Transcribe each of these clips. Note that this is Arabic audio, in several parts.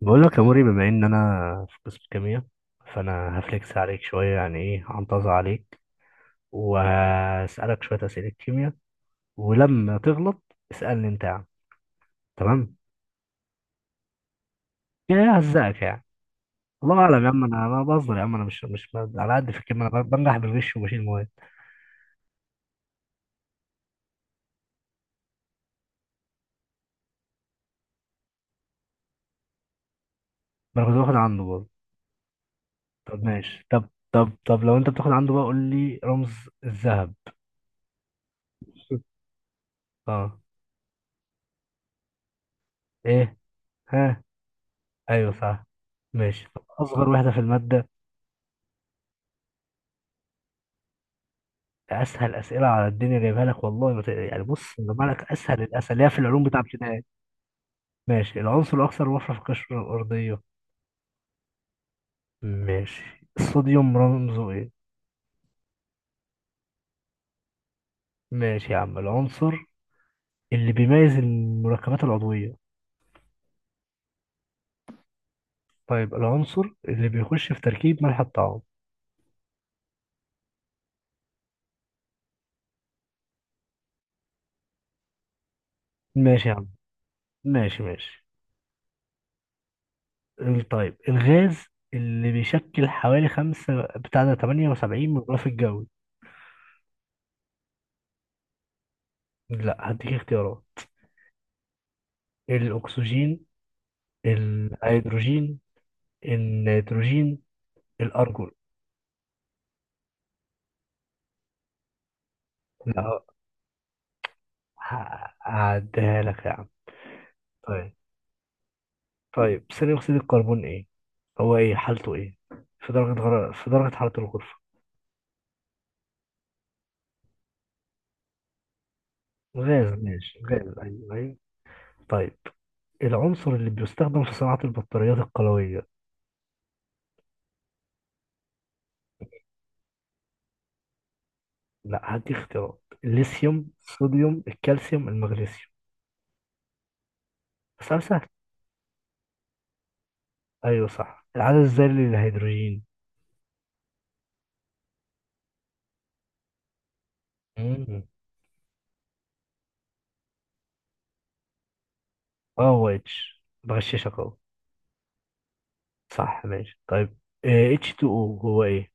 بقول لك يا موري، بما ان انا في قسم كيمياء فانا هفلكس عليك شويه، يعني ايه هنتظر عليك وهسالك شويه اسئله كيمياء. ولما تغلط اسالني انت يا عم. تمام. يعني ههزقك يعني. الله اعلم يا عم، انا بهزر يا عم، انا مش على قد في الكيمياء، انا بنجح بالغش وبشيل مواد. ما انا كنت باخد عنده برضه. طب ماشي، طب لو انت بتاخد عنده بقى قول لي رمز الذهب. اه. ايه. ها. ايوه صح. ماشي طب، اصغر وحده في الماده؟ اسهل اسئله على الدنيا جايبها لك والله، ما ت- يعني بص جايبها لك اسهل الاسئله اللي هي في العلوم بتاع ابتدائي. ماشي، العنصر الاكثر وفره في القشره الارضيه؟ ماشي. الصوديوم رمزه ايه؟ ماشي يا عم. العنصر اللي بيميز المركبات العضويه؟ طيب، العنصر اللي بيخش في تركيب ملح الطعام؟ ماشي يا عم. ماشي ماشي. طيب، الغاز اللي بيشكل حوالي خمسة بتاع ده 78 من الغلاف الجوي؟ لا هديك اختيارات: الأكسجين، الهيدروجين، النيتروجين، الأرجون. لا، هعديها لك يا عم. طيب. طيب، ثاني أكسيد الكربون إيه؟ هو إيه حالته إيه؟ في في درجة حرارة الغرفة؟ غاز، ماشي غاز، أيوه أيوه. طيب، العنصر اللي بيستخدم في صناعة البطاريات القلوية؟ لا هدي اختيارات: الليثيوم، الصوديوم، الكالسيوم، المغنيسيوم. سؤال سهل. أيوه صح. العدد الذري للهيدروجين؟ مم. اه هو اتش، بغششك اهو. صح ماشي. طيب آه، اتش 2 او هو ايه؟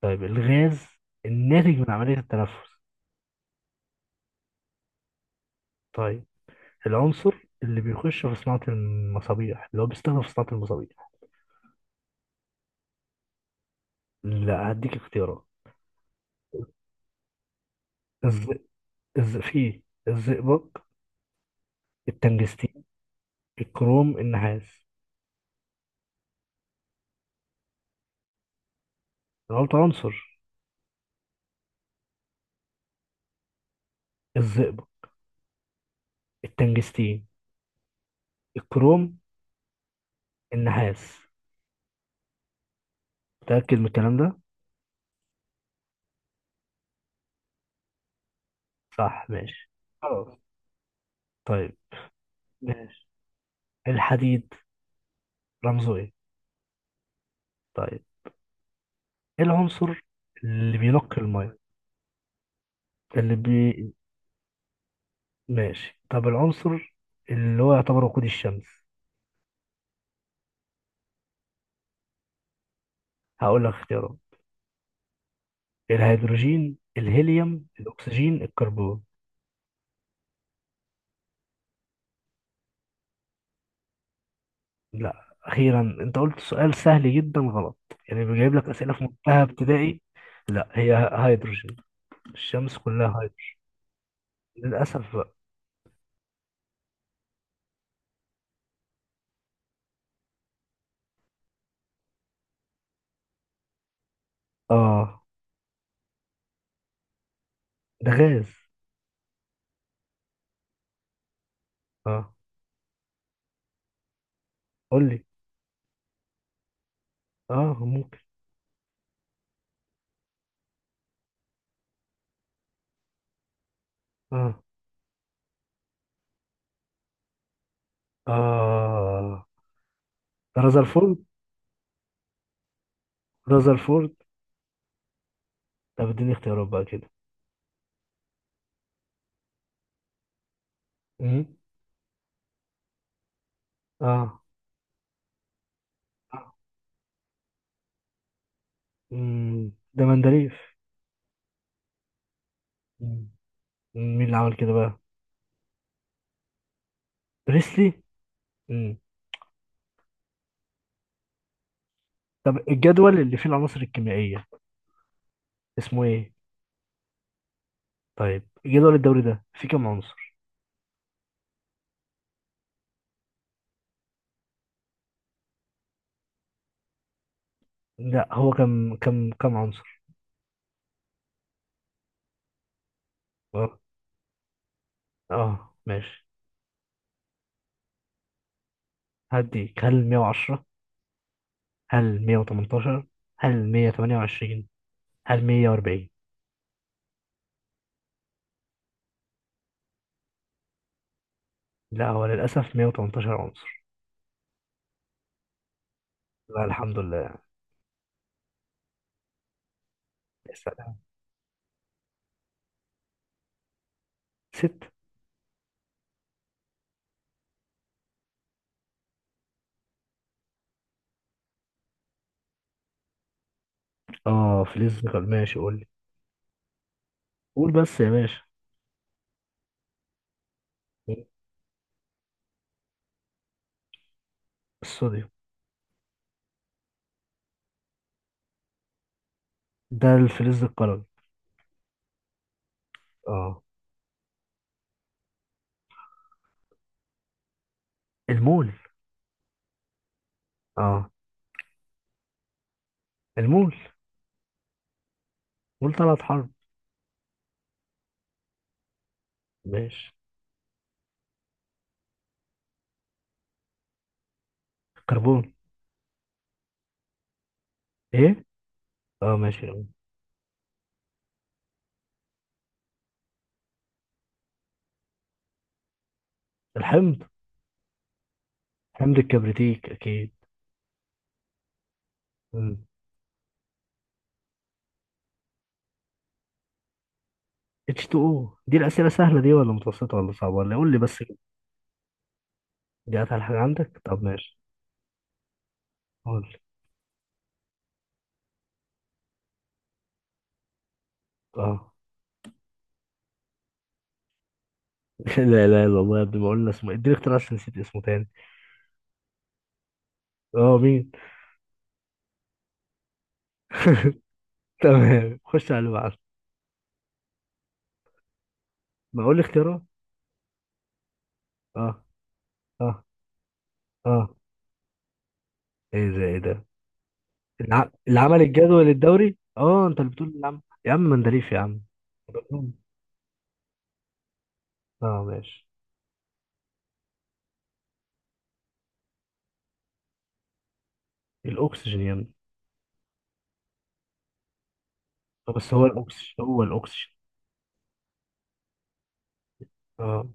طيب، الغاز الناتج من عملية التنفس؟ طيب، العنصر اللي بيخش في صناعة المصابيح، اللي هو بيستخدم في صناعة المصابيح؟ لا هديك اختيارات: الز... الز... في الزئبق، التنجستين، الكروم، النحاس. غلط، عنصر. الزئبق، التنجستين، الكروم، النحاس. متأكد من الكلام ده؟ صح ماشي. خلاص. طيب. ماشي. الحديد رمزه ايه؟ طيب، ايه العنصر اللي بينقي المية؟ اللي بي... ماشي. طب العنصر اللي هو يعتبر وقود الشمس؟ هقول لك اختيارات: الهيدروجين، الهيليوم، الاكسجين، الكربون. لا اخيرا انت قلت سؤال سهل جدا غلط. يعني بيجيب لك اسئله في منتهى ابتدائي. لا، هي هيدروجين، الشمس كلها هيدروجين. للاسف بقى. اه. ده غاز. اه. قول لي. اه ممكن. اه اه، رازرفورد. رازرفورد. طب اديني اختيارات بقى كده. مم. اه. آه. مم. ده مندريف. مين اللي عمل كده بقى؟ بريسلي. امم. طب الجدول اللي فيه العناصر الكيميائية اسمه ايه؟ طيب، جدول الدوري ده فيه كام عنصر؟ لا هو، كم عنصر؟ اه. اه ماشي. هديك، هل 110، هل 118، هل 128، هل 140؟ لا هو للأسف 118 عنصر. لا الحمد لله يعني. يا سلام. ست. اه فلز قلم، ماشي قول لي. قول بس يا باشا. الصوديوم. ده الفلز القلوي. اه. المول. اه. المول. قول ثلاث حرب. ماشي. كربون. ايه. اه ماشي. الحمض. حمض الكبريتيك اكيد. مم. H2O. دي الأسئلة سهلة دي ولا متوسطة ولا صعبة ولا إيه؟ قول لي بس كده. دي أسهل حاجة عندك؟ طب ماشي. قول لي. اه. لا لا لا والله يا ابني، ما قلنا اسمه إيه؟ اديني اختيار عشان نسيت اسمه تاني. اه مين؟ تمام، خش على اللي بعده. ما اقول لي اختيارات. اه. اه. اه. ايه ده، ايه ده؟ العمل الجدول الدوري، اه انت اللي بتقول العمل يا عم، مندليف يا عم. اه ماشي. الاكسجين يا ابني. بس هو الأوكسجين، هو الأوكسجين. اه.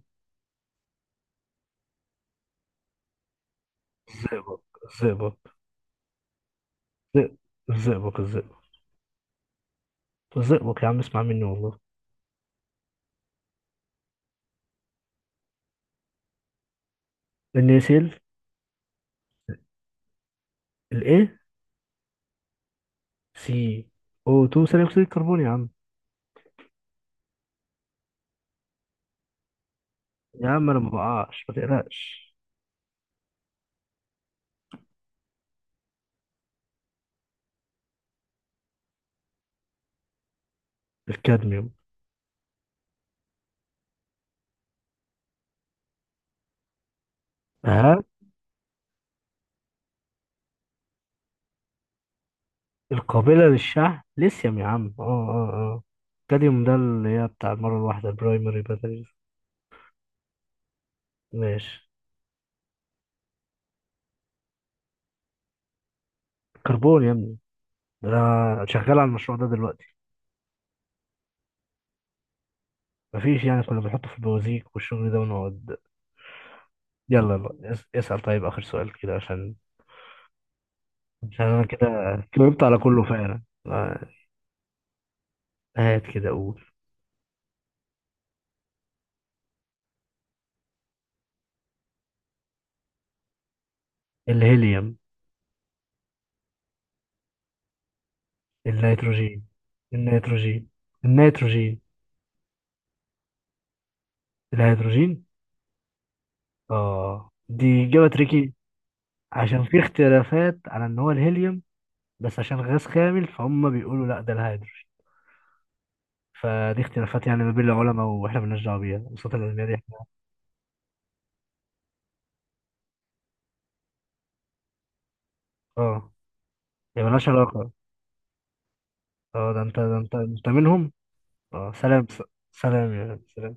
الزئبق، الزئبق. زئ- الزئبق، الزئبق. الزئبق يا عم، اسمع مني والله. النيسيل. الايه؟ سي او 2، ثاني أكسيد الكربون يا عم. يا عم أنا ما بقعش، ما تقلقش. الكادميوم. ها. القابلة للشحن ليثيوم يا عم، اه اه اه. الكادميوم ده اللي هي بتاع المرة الواحدة، البرايمري باتريز. ماشي. كربون يا ابني، ده أنا شغال على المشروع ده دلوقتي. مفيش يعني، كنا بنحطه في البوازيك والشغل ده ونقعد. يلا يلا، اسأل طيب آخر سؤال كده عشان. عشان أنا كده جاوبت على كله فعلا آه، هات كده أقول. الهيليوم. النيتروجين. النيتروجين. النيتروجين. الهيدروجين. آه دي إجابة تريكي، عشان في اختلافات على إن هو الهيليوم، بس عشان غاز خامل فهم بيقولوا لا ده الهيدروجين. فدي اختلافات يعني ما بين العلماء، وإحنا مالناش دعوة بيها، الوساطة العلمية دي إحنا. آه. هي مالهاش علاقة. آه ده أنت، ده أنت منهم. آه سلام. سلام يا سلام.